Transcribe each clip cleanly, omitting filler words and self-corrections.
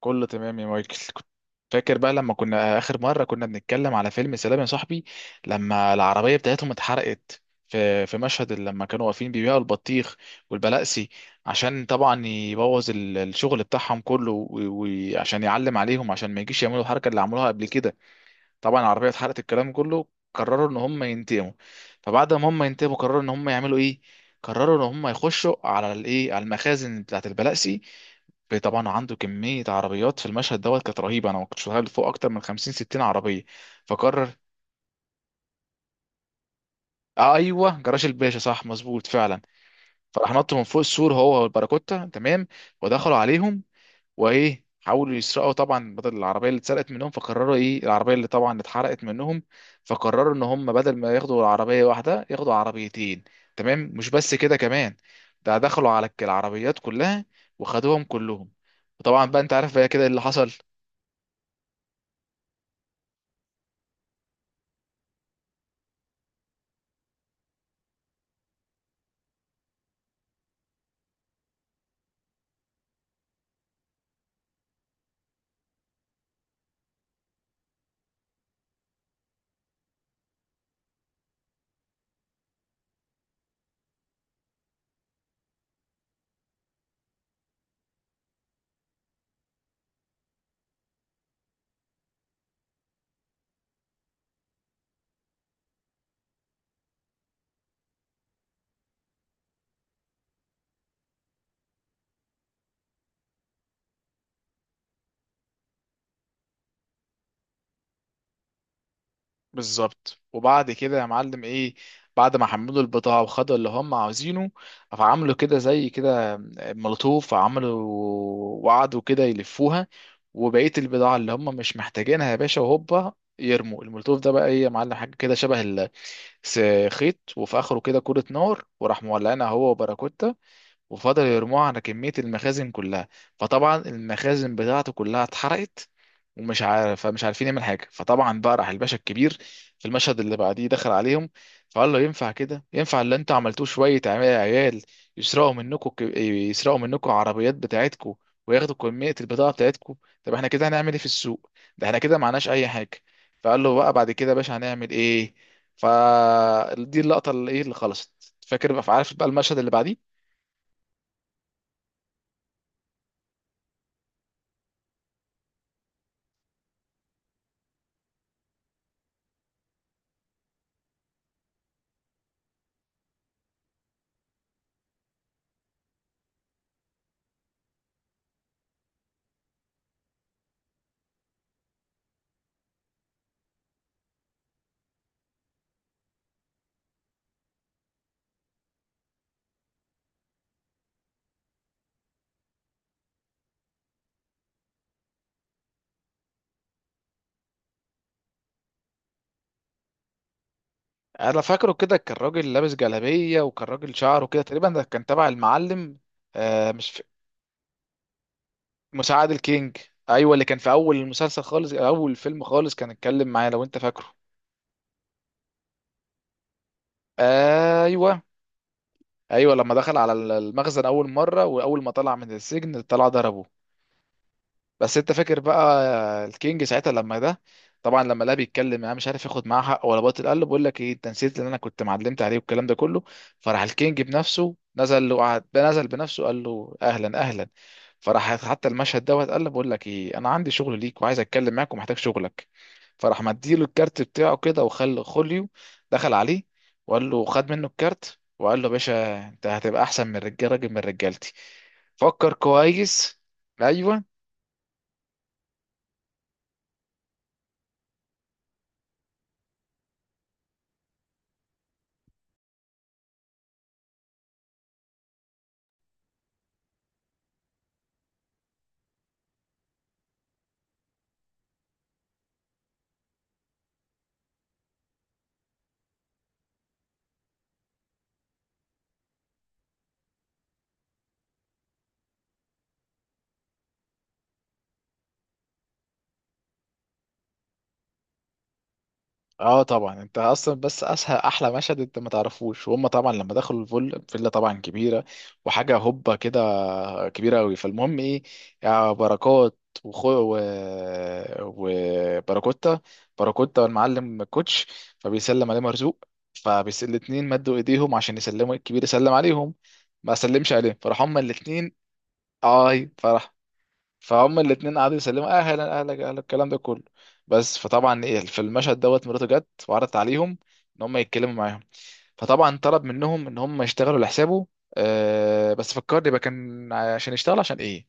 كله تمام يا مايكل. كنت فاكر بقى لما كنا آخر مرة كنا بنتكلم على فيلم سلام يا صاحبي، لما العربية بتاعتهم اتحرقت في مشهد لما كانوا واقفين بيبيعوا البطيخ والبلاقسي، عشان طبعا يبوظ الشغل بتاعهم كله وعشان يعلم عليهم عشان ما يجيش يعملوا الحركة اللي عملوها قبل كده. طبعا العربيه اتحرقت، الكلام كله قرروا ان هم ينتقموا. فبعد ما هم ينتقموا قرروا ان هم يعملوا ايه؟ قرروا ان هم يخشوا على الايه، على المخازن بتاعه البلاسي. طبعا عنده كميه عربيات، في المشهد دوت كانت رهيبه، انا ما كنتش متخيل فوق اكتر من 50 60 عربيه. فقرر. آه ايوه، جراج الباشا، صح، مظبوط فعلا. فراح نطوا من فوق السور هو والباراكوتا، تمام، ودخلوا عليهم، وايه، حاولوا يسرقوا طبعا بدل العربيه اللي اتسرقت منهم، فقرروا ايه، العربيه اللي طبعا اتحرقت منهم، فقرروا ان هم بدل ما ياخدوا العربيه واحده ياخدوا عربيتين. تمام، مش بس كده كمان، ده دخلوا على العربيات كلها وخدوهم كلهم. وطبعا بقى انت عارف بقى كده إيه اللي حصل. بالظبط. وبعد كده يا معلم ايه، بعد ما حملوا البضاعة وخدوا اللي هم عاوزينه، فعملوا كده زي كده مولوتوف عملوا، وقعدوا كده يلفوها، وبقية البضاعة اللي هم مش محتاجينها يا باشا وهوبا يرموا المولوتوف. ده بقى ايه يا معلم؟ حاجة كده شبه الخيط وفي آخره كده كرة نار، وراح مولعينها هو وباراكوتا وفضلوا يرموها على كمية المخازن كلها. فطبعا المخازن بتاعته كلها اتحرقت ومش عارف، فمش عارفين يعمل حاجة. فطبعا بقى راح الباشا الكبير في المشهد اللي بعديه دخل عليهم، فقال له ينفع كده؟ ينفع اللي انتوا عملتوه؟ شوية عيال يسرقوا منكم، يسرقوا منكم عربيات بتاعتكم وياخدوا كمية البضاعة بتاعتكم؟ طب احنا كده هنعمل ايه في السوق؟ ده احنا كده معناش اي حاجة. فقال له بقى بعد كده يا باشا هنعمل ايه؟ فدي اللقطة اللي ايه اللي خلصت. فاكر بقى؟ عارف بقى المشهد اللي بعديه؟ انا فاكره كده، كان راجل لابس جلابيه، وكان راجل شعره كده تقريبا، ده كان تبع المعلم. آه مش في... مساعد الكينج، ايوه، اللي كان في اول المسلسل خالص، اول فيلم خالص كان اتكلم معايا، لو انت فاكره. ايوه. ايوه لما دخل على المخزن اول مره واول ما طلع من السجن طلع ضربه. بس انت فاكر بقى الكينج ساعتها لما ده، طبعا لما لا بيتكلم انا مش عارف ياخد معاه حق ولا باطل، قال له بقول لك ايه، انت نسيت اللي انا كنت معلمت عليه والكلام ده كله. فراح الكينج بنفسه نزل له، قعد نزل بنفسه، قال له اهلا اهلا. فراح حتى المشهد دوت قال له بقول لك ايه، انا عندي شغل ليك وعايز اتكلم معاك ومحتاج شغلك. فراح مديله الكارت بتاعه كده، وخل خوليو دخل عليه وقال له خد منه الكارت، وقال له يا باشا انت هتبقى احسن من رجال، راجل من رجالتي. فكر كويس. ايوه. اه، طبعا انت اصلا بس اسهل احلى مشهد انت ما تعرفوش، وهم طبعا لما دخلوا الفل فيلا طبعا كبيره وحاجه هوبا كده، كبيره قوي. فالمهم ايه، يا بركات وخو و... وباراكوتا، باراكوتا والمعلم كوتش، فبيسلم عليه مرزوق، فبيس الاتنين مدوا ايديهم عشان يسلموا، الكبير يسلم عليهم، ما سلمش عليه، فراح هما الاتنين. آه، اي فرح. فهم الاتنين قعدوا يسلموا اهلا اهلا اهلا الكلام ده كله. بس فطبعا ايه، في المشهد دوت مراته جت وعرضت عليهم ان هم يتكلموا معاهم، فطبعا طلب منهم ان هم يشتغلوا لحسابه. آه بس فكرني بقى، كان عشان يشتغل عشان ايه؟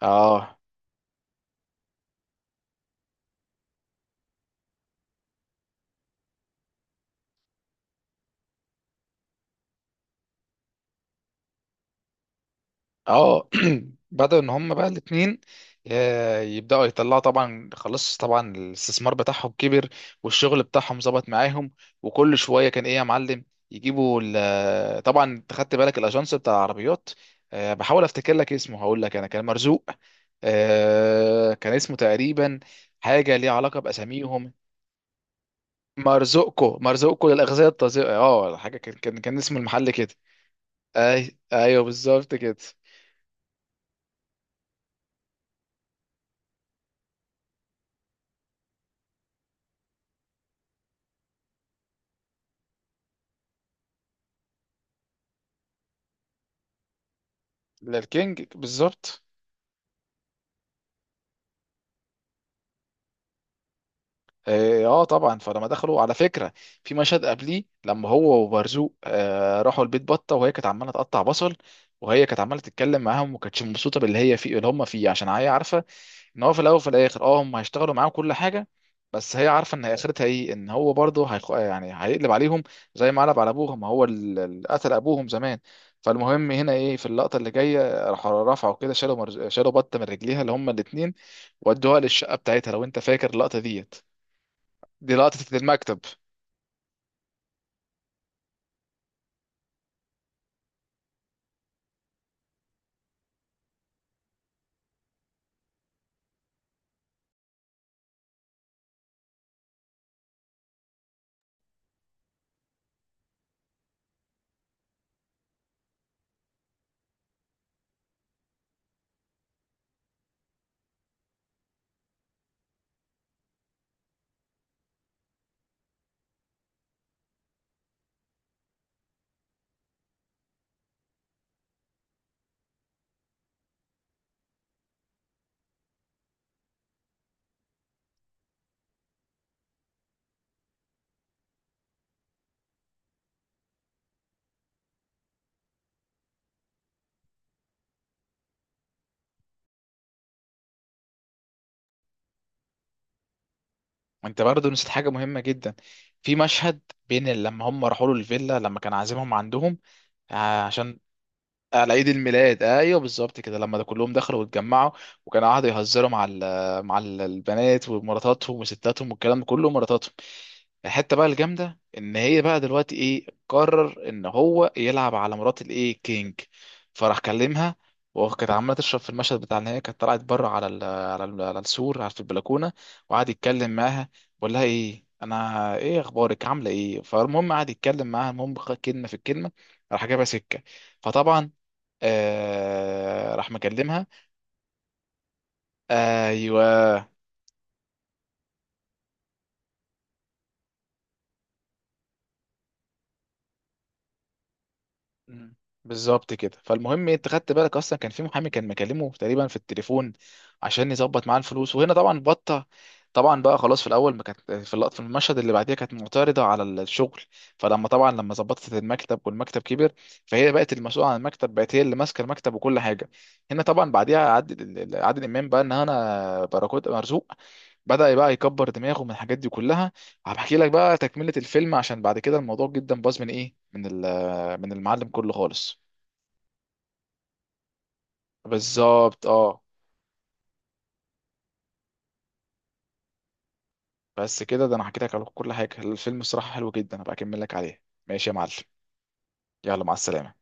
اه اه. بدأوا ان هم بقى الاتنين آه، يبدأوا يطلعوا. طبعا خلاص، طبعا الاستثمار بتاعهم كبر والشغل بتاعهم ظبط معاهم، وكل شوية كان ايه يا معلم، يجيبوا طبعا انت خدت بالك الاجانس بتاع العربيات؟ آه، بحاول افتكر لك اسمه، هقول لك انا، كان مرزوق. آه، كان اسمه تقريبا حاجة ليها علاقة بأساميهم. مرزوقكو، مرزوقكو للأغذية الطازجة، اه حاجة، كان اسم المحل كده. اي ايوه بالظبط كده. للكينج بالظبط. اه آه طبعا. فلما دخلوا على فكره في مشهد قبليه، لما هو وبرزوق آه راحوا البيت بطه، وهي كانت عماله تقطع بصل، وهي كانت عماله تتكلم معاهم، وما كانتش مبسوطه باللي هي فيه، اللي هم فيه، عشان هي عارفه ان هو في الاول وفي الاخر اه هم هيشتغلوا معاهم كل حاجه. بس هي عارفه ان اخرتها ايه، ان هو برضه يعني هيقلب عليهم زي ما قلب على ابوهم، ما هو اللي قتل ابوهم زمان. فالمهم هنا ايه، في اللقطه اللي جايه راحوا رفعوا كده، شالوا شالوا بطه من رجليها اللي هم الاثنين، ودوها للشقه بتاعتها، لو انت فاكر اللقطه ديت. دي لقطة المكتب. وانت برضه نسيت حاجة مهمة جدا، في مشهد بين لما هم راحوا له الفيلا لما كان عازمهم عندهم، آه، عشان على عيد الميلاد. ايوه بالظبط كده، لما ده كلهم دخلوا واتجمعوا، وكانوا قعدوا يهزروا مع ال البنات ومراتاتهم وستاتهم والكلام ده كله مراتاتهم. الحته بقى الجامده ان هي بقى دلوقتي ايه، قرر ان هو يلعب على مرات الايه، كينج. فراح كلمها، وكانت عماله تشرب في المشهد بتاع ان هي كانت طلعت بره، على السور، على في البلكونه، وقعد يتكلم معاها، بقول لها ايه، انا ايه، اخبارك، عامله ايه. فالمهم قعد يتكلم معاها، المهم كلمه في الكلمه راح جابها سكه. فطبعا آه راح مكلمها. ايوه. مم. بالظبط كده. فالمهم إيه، انت خدت بالك اصلا كان في محامي كان مكلمه تقريبا في التليفون عشان يظبط معاه الفلوس، وهنا طبعا بطه، طبعا بقى خلاص، في الاول ما كانت في اللقطه في المشهد اللي بعديها كانت معترضه على الشغل، فلما طبعا لما ظبطت المكتب والمكتب كبر، فهي بقت المسؤوله عن المكتب، بقت هي اللي ماسكه المكتب وكل حاجه. هنا طبعا بعديها عادل امام بقى، ان انا بركوت مرزوق، بدأ بقى يكبر دماغه من الحاجات دي كلها. هبحكي لك بقى تكملة الفيلم، عشان بعد كده الموضوع جدا باظ من ايه، من ال، من المعلم كله خالص. بالظبط اه. بس كده، ده انا حكيت لك على كل حاجه، الفيلم الصراحه حلو جدا، هبقى اكمل لك عليه. ماشي يا معلم، يلا مع السلامه.